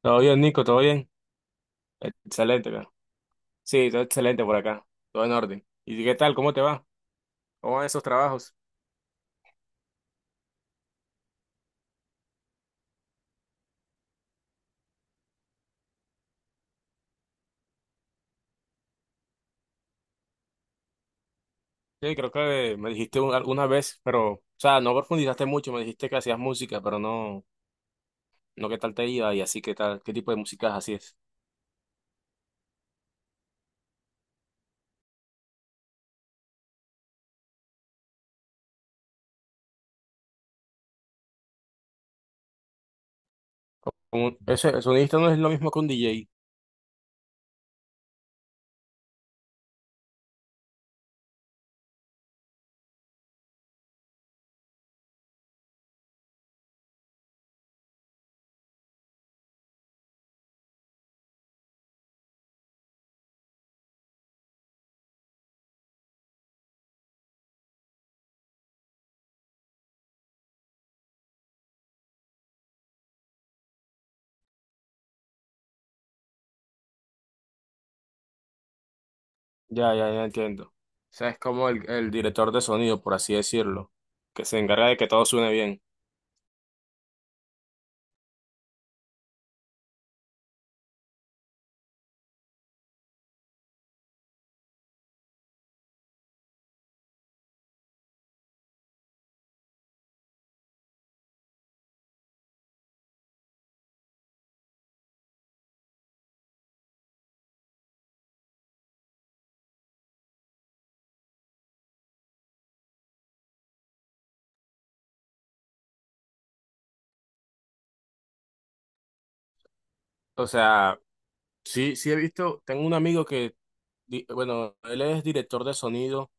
Todo bien, Nico, todo bien. Excelente, cara. Sí, todo excelente por acá. Todo en orden. ¿Y qué tal? ¿Cómo te va? ¿Cómo van esos trabajos? Sí, creo que me dijiste alguna vez, pero, o sea, no profundizaste mucho. Me dijiste que hacías música, pero no qué tal te iba y así, qué tal, qué tipo de música hacías. El sonidista no es lo mismo que un DJ. Ya, ya, ya entiendo. O sea, es como el director de sonido, por así decirlo, que se encarga de que todo suene bien. O sea, sí, sí he visto, tengo un amigo que, bueno, él es director de sonido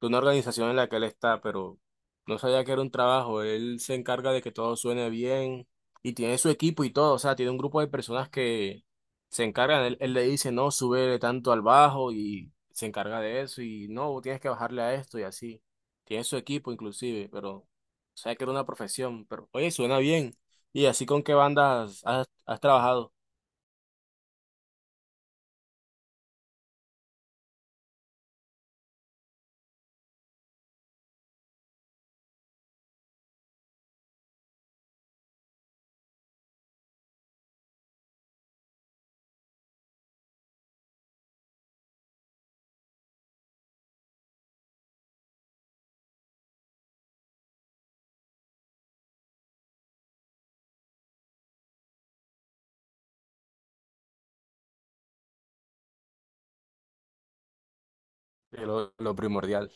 de una organización en la que él está, pero no sabía que era un trabajo. Él se encarga de que todo suene bien y tiene su equipo y todo, o sea, tiene un grupo de personas que se encargan. Él le dice, no, sube tanto al bajo y se encarga de eso y no, vos tienes que bajarle a esto y así. Tiene su equipo inclusive, pero sabía que era una profesión, pero oye, suena bien. ¿Y así con qué bandas has trabajado? Lo primordial.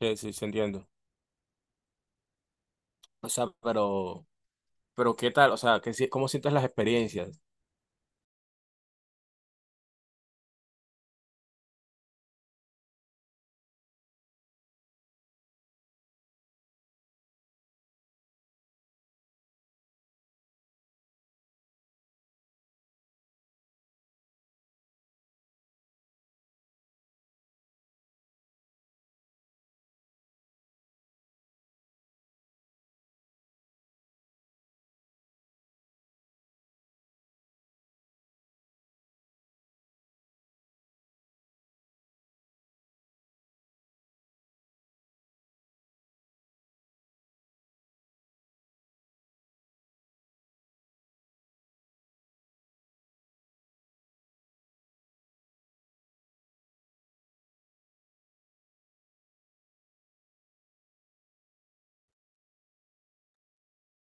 Sí, sí, sí, entiendo. O sea, pero ¿qué tal? O sea, ¿qué, cómo sientes las experiencias?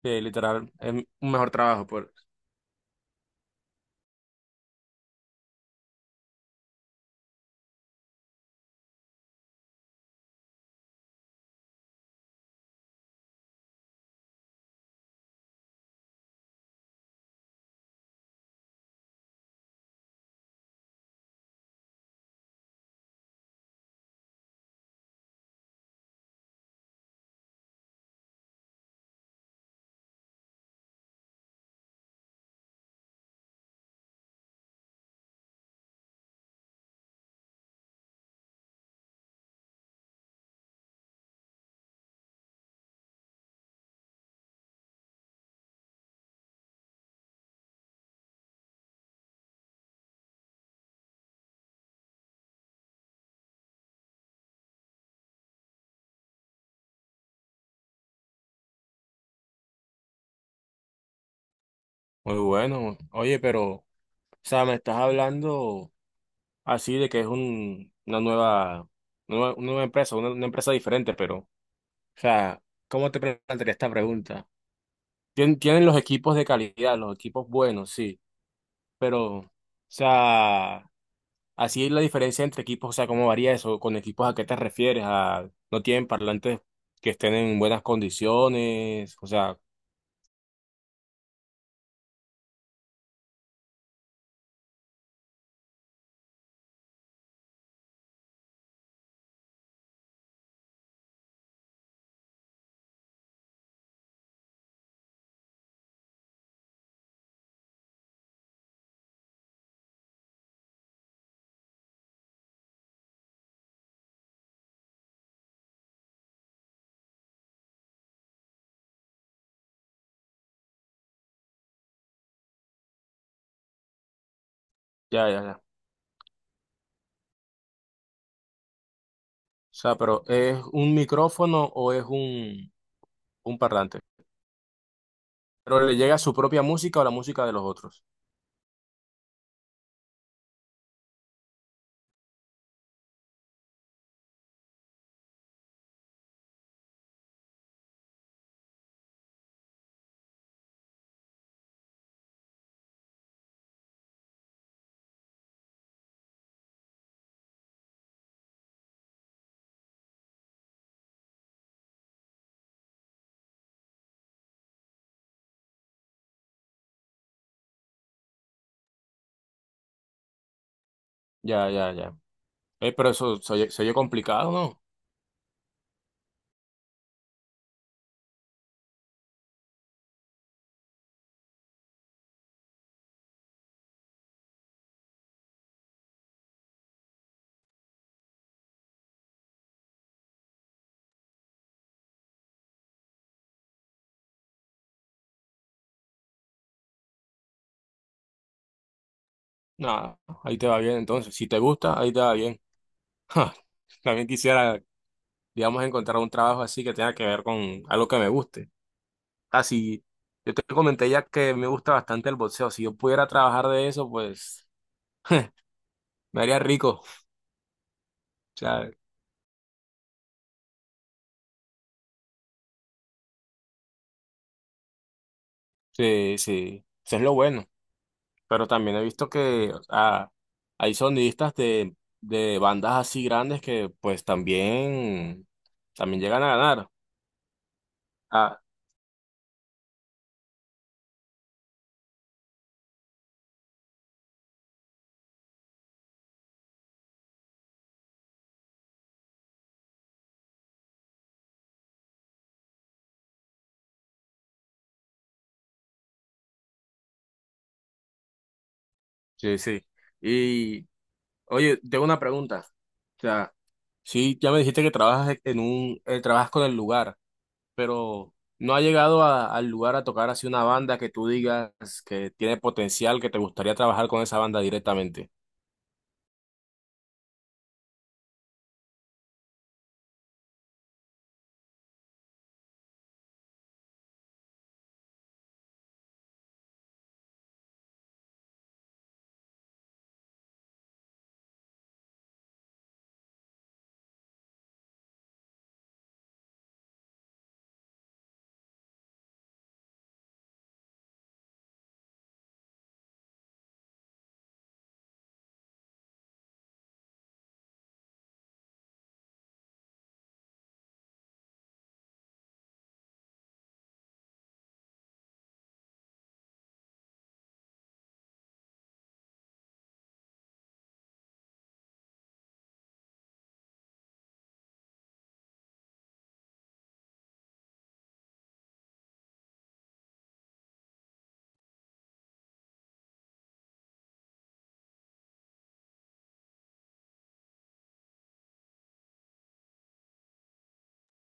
Sí, literal, es un mejor trabajo, pues. Muy bueno. Oye, pero, o sea, me estás hablando así de que es un, una nueva, nueva, una nueva empresa, una empresa diferente, pero, o sea, ¿cómo te plantearía esta pregunta? Tienen los equipos de calidad, los equipos buenos, sí, pero, o sea, así es la diferencia entre equipos, o sea, ¿cómo varía eso? ¿Con equipos a qué te refieres? ¿A no tienen parlantes que estén en buenas condiciones? O sea, ya, ya, ya. O sea, pero ¿es un micrófono o es un parlante? Pero le llega su propia música o la música de los otros. Ya, ya, ya. Pero eso se oye complicado, ¿no? Nada, ahí te va bien entonces. Si te gusta, ahí te va bien. También quisiera, digamos, encontrar un trabajo así que tenga que ver con algo que me guste. Así, yo te comenté ya que me gusta bastante el boxeo. Si yo pudiera trabajar de eso, pues me haría rico. O sea, sí, sí. Eso es lo bueno. Pero también he visto que o sea, hay sonidistas de bandas así grandes que pues también, también llegan a ganar. Ah, sí, sí. Y oye, tengo una pregunta. O sea, sí, ya me dijiste que trabajas en un, trabajas con el lugar, pero ¿no ha llegado al lugar a tocar así una banda que tú digas que tiene potencial, que te gustaría trabajar con esa banda directamente?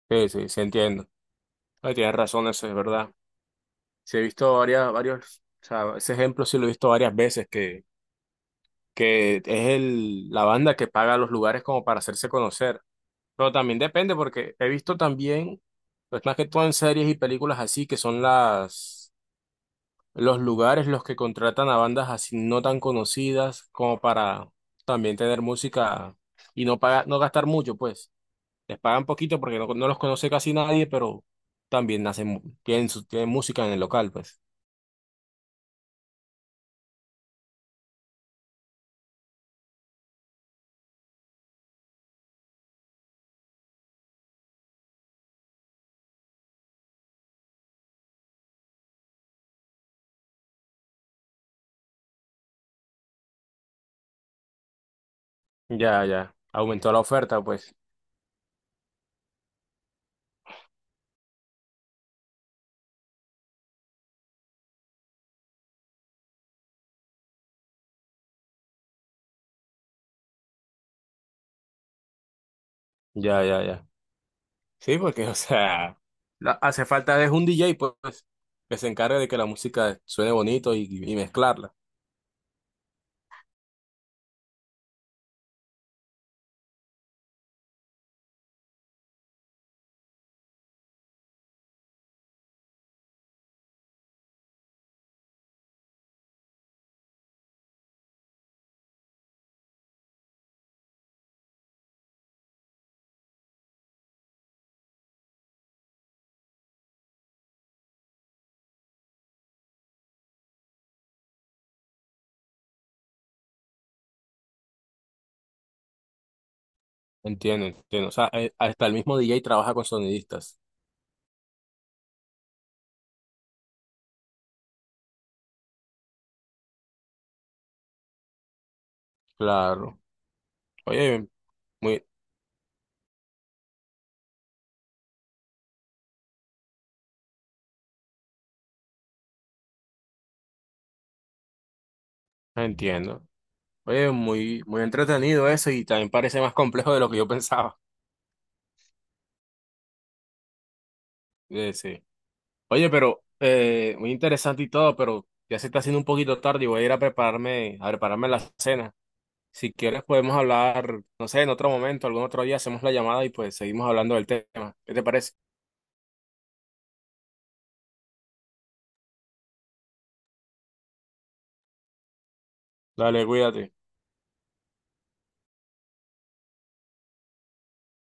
Sí, sí, sí entiendo. Ay, tienes razón, eso es verdad. Sí, he visto varios, o sea, ese ejemplo sí lo he visto varias veces, que es el, la banda que paga los lugares como para hacerse conocer. Pero también depende, porque he visto también, pues más que todo en series y películas así, que son las, los lugares los que contratan a bandas así no tan conocidas como para también tener música y no pagar, no gastar mucho, pues. Les pagan poquito porque no los conoce casi nadie, pero también hacen, tienen, tienen música en el local, pues. Ya, ya. Aumentó la oferta, pues. Ya, ya, ya. Sí, porque, o sea, hace falta es un DJ, pues, que se encargue de que la música suene bonito y mezclarla. Entiendo, entiendo. O sea, hasta el mismo DJ trabaja con sonidistas. Claro. Oye, muy, entiendo. Oye, muy, muy entretenido eso y también parece más complejo de lo que yo pensaba. Sí. Oye, pero, muy interesante y todo, pero ya se está haciendo un poquito tarde y voy a ir a prepararme la cena. Si quieres podemos hablar, no sé, en otro momento, algún otro día hacemos la llamada y pues seguimos hablando del tema. ¿Qué te parece? Dale, cuídate.